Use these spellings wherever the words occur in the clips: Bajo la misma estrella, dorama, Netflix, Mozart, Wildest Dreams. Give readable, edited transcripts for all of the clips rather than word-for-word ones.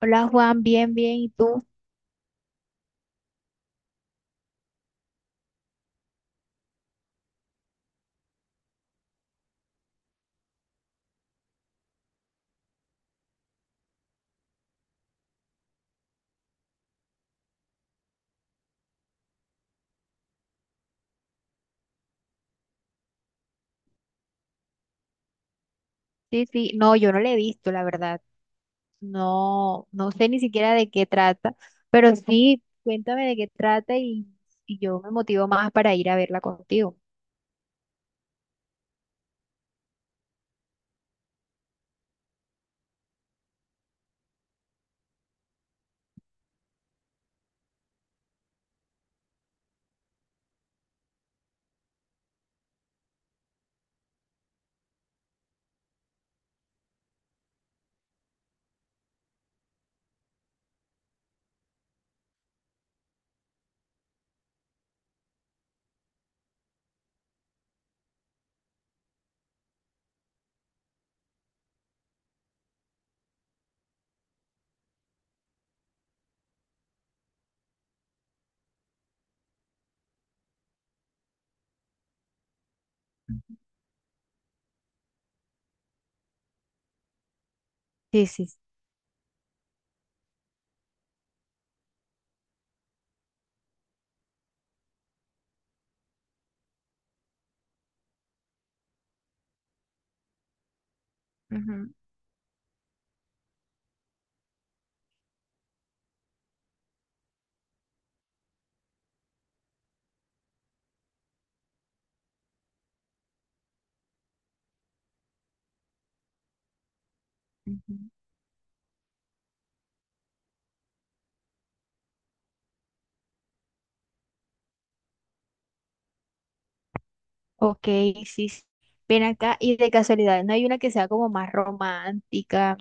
Hola Juan, bien, bien, ¿y tú? Sí, sí, no, yo no la he visto, la verdad. No, no sé ni siquiera de qué trata, pero sí, cuéntame de qué trata y yo me motivo más para ir a verla contigo. Sí, sí, sí. Ujú, ujú. Ok, sí, sí. Ven acá y de casualidad, ¿no hay una que sea como más romántica?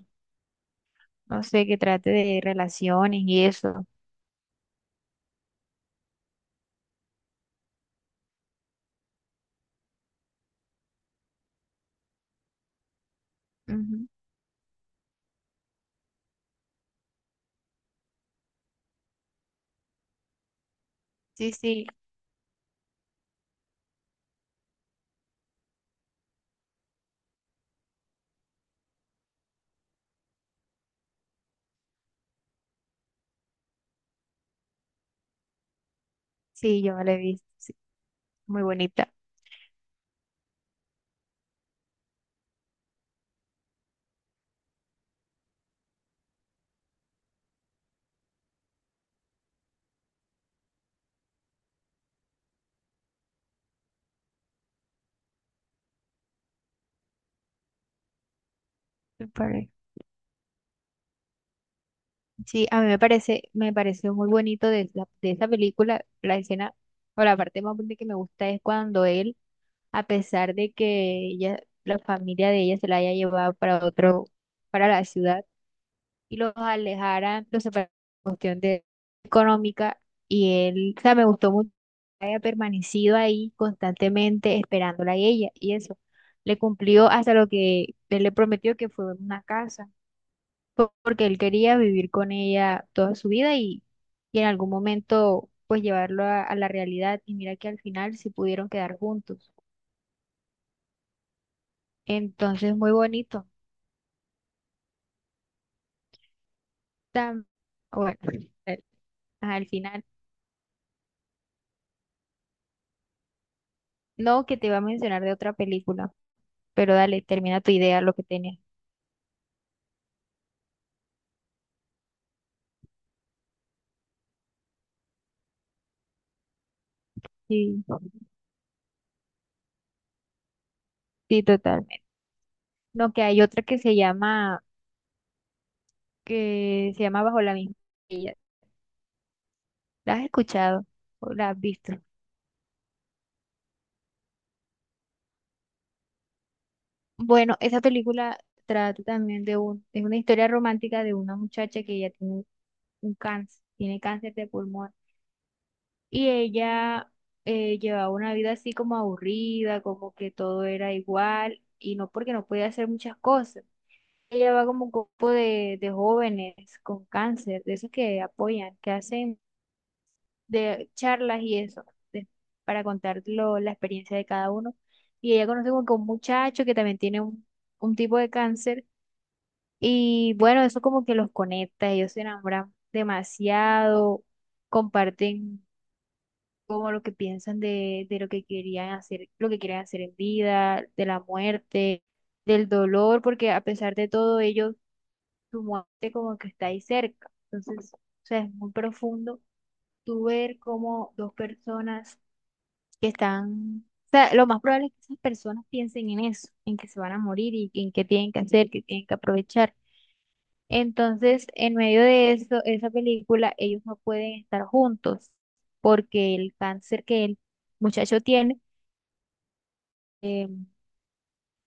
No sé, que trate de relaciones y eso. Ujú. Sí, sí, sí, yo me la he visto. Sí, muy bonita. Sí, a mí me parece, me pareció muy bonito de esa película. La escena o la parte más bonita que me gusta es cuando él, a pesar de que ella, la familia de ella se la haya llevado para otro, para la ciudad, y los alejaran, los separaran por cuestión de económica, y él, o sea, me gustó mucho que haya permanecido ahí constantemente esperándola a ella y eso. Le cumplió hasta lo que él le prometió, que fue una casa, porque él quería vivir con ella toda su vida y en algún momento pues a la realidad, y mira que al final sí pudieron quedar juntos. Entonces, muy bonito. Tam- bueno, eh, Al final, no, que te iba a mencionar de otra película, pero dale, termina tu idea, lo que tenías. Sí, sí, totalmente. No, que hay otra que se llama Bajo la misma estrella. ¿La has escuchado o la has visto? Bueno, esa película trata también de un, es una historia romántica de una muchacha que ella tiene un cáncer, tiene cáncer de pulmón, y ella llevaba una vida así como aburrida, como que todo era igual, y no, porque no podía hacer muchas cosas. Ella va como un grupo de jóvenes con cáncer, de esos que apoyan, que hacen de charlas y eso, de- para contar la experiencia de cada uno. Y ella conoce como que un muchacho que también tiene un tipo de cáncer. Y bueno, eso como que los conecta, ellos se enamoran demasiado, comparten como lo que piensan de lo que querían hacer, lo que quieren hacer en vida, de la muerte, del dolor, porque a pesar de todo ellos, su muerte como que está ahí cerca. Entonces, o sea, es muy profundo tú ver cómo dos personas que están, o sea, lo más probable es que esas personas piensen en eso, en que se van a morir y en qué tienen que hacer, que tienen que aprovechar. Entonces, en medio de eso, esa película, ellos no pueden estar juntos porque el cáncer que el muchacho tiene, eh,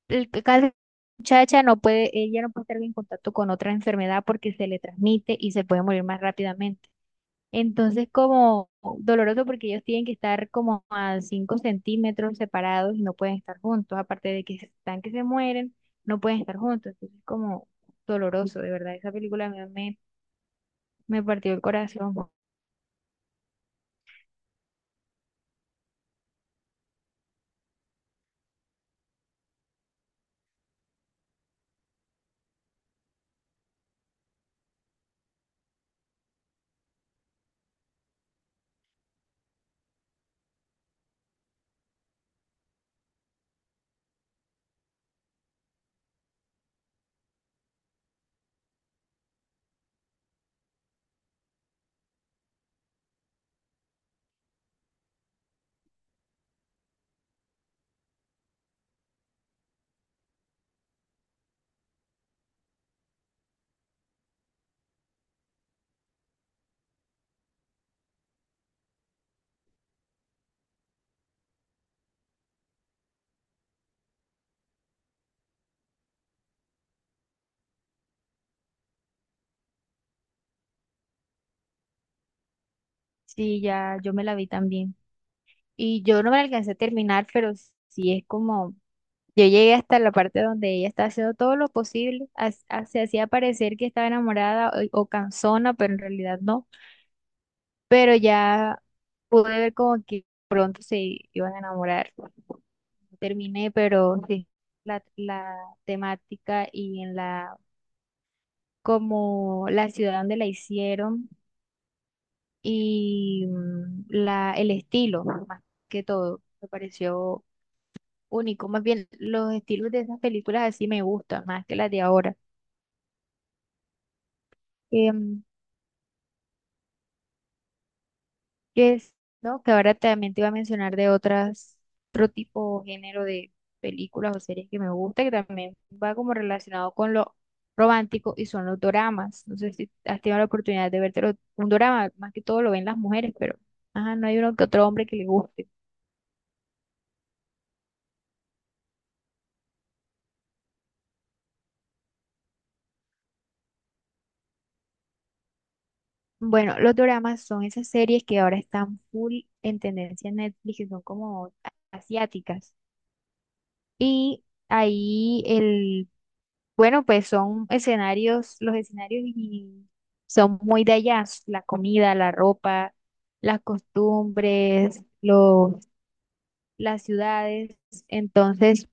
cáncer de la muchacha no puede, ella no puede estar en contacto con otra enfermedad porque se le transmite y se puede morir más rápidamente. Entonces, como doloroso, porque ellos tienen que estar como a 5 centímetros separados y no pueden estar juntos, aparte de que están que se mueren, no pueden estar juntos. Entonces, como doloroso, de verdad, esa película a mí me... Me partió el corazón. Sí, ya yo me la vi también. Y yo no me la alcancé a terminar, pero sí es como, yo llegué hasta la parte donde ella está haciendo todo lo posible, se hacía parecer que estaba enamorada o cansona, pero en realidad no. Pero ya pude ver como que pronto se iban a enamorar. Terminé, pero sí, la temática y en como la ciudad donde la hicieron y mm, la, el estilo, más que todo, me pareció único. Más bien, los estilos de esas películas así me gustan más que las de ahora. Em, que es, ¿no? Que ahora también te iba a mencionar de otras, otro tipo o género de películas o series que me gusta, que también va como relacionado con lo romántico, y son los doramas. No sé si has tenido la oportunidad de verte un dorama, más que todo lo ven las mujeres, pero ajá, no hay uno que otro hombre que le guste. Bueno, los doramas son esas series que ahora están full en tendencia en Netflix, que son como asiáticas. Y ahí el, bueno, pues son escenarios, los escenarios y son muy de allá, la comida, la ropa, las costumbres, los, las ciudades. Entonces,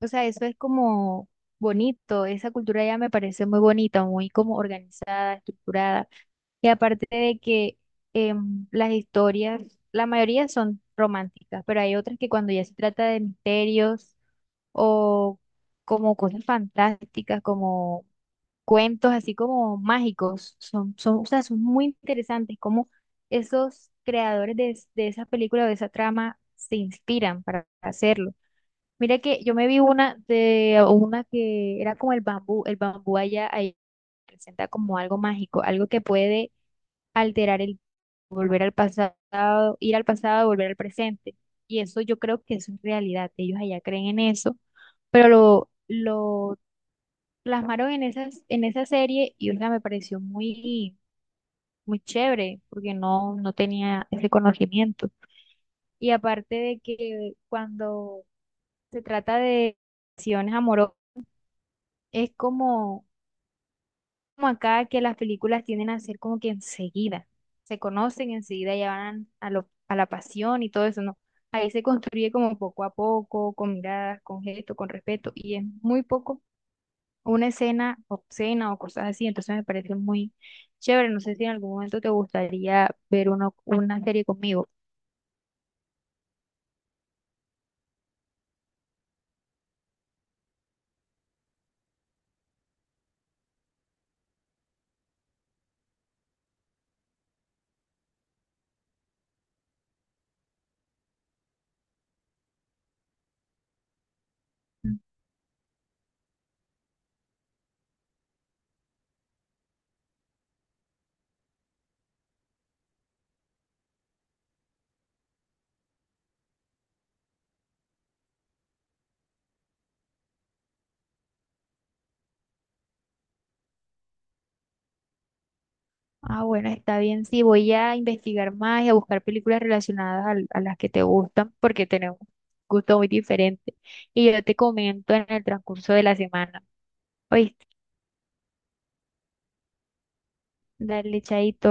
o sea, eso es como bonito, esa cultura ya me parece muy bonita, muy como organizada, estructurada. Y aparte de que las historias, la mayoría son románticas, pero hay otras que cuando ya se trata de misterios o como cosas fantásticas, como cuentos así como mágicos. Son, son, o sea, son muy interesantes como esos creadores de esa película, de esa trama, se inspiran para hacerlo. Mira que yo me vi una de una que era como el bambú allá, ahí presenta como algo mágico, algo que puede alterar el volver al pasado, ir al pasado, volver al presente. Y eso yo creo que eso es realidad. Ellos allá creen en eso, pero lo plasmaron en en esa serie, y o sea, me pareció muy, muy chévere porque no, no tenía ese conocimiento. Y aparte de que cuando se trata de relaciones amorosas, es como, como acá que las películas tienden a ser como que enseguida, se conocen enseguida, ya van a la pasión y todo eso, ¿no? Ahí se construye como poco a poco, con miradas, con gestos, con respeto, y es muy poco una escena obscena o cosas así, entonces me parece muy chévere. No sé si en algún momento te gustaría ver una serie conmigo. Ah, bueno, está bien. Sí, voy a investigar más y a buscar películas relacionadas las que te gustan porque tenemos gustos muy diferentes. Y yo te comento en el transcurso de la semana. Oye, dale, chaito.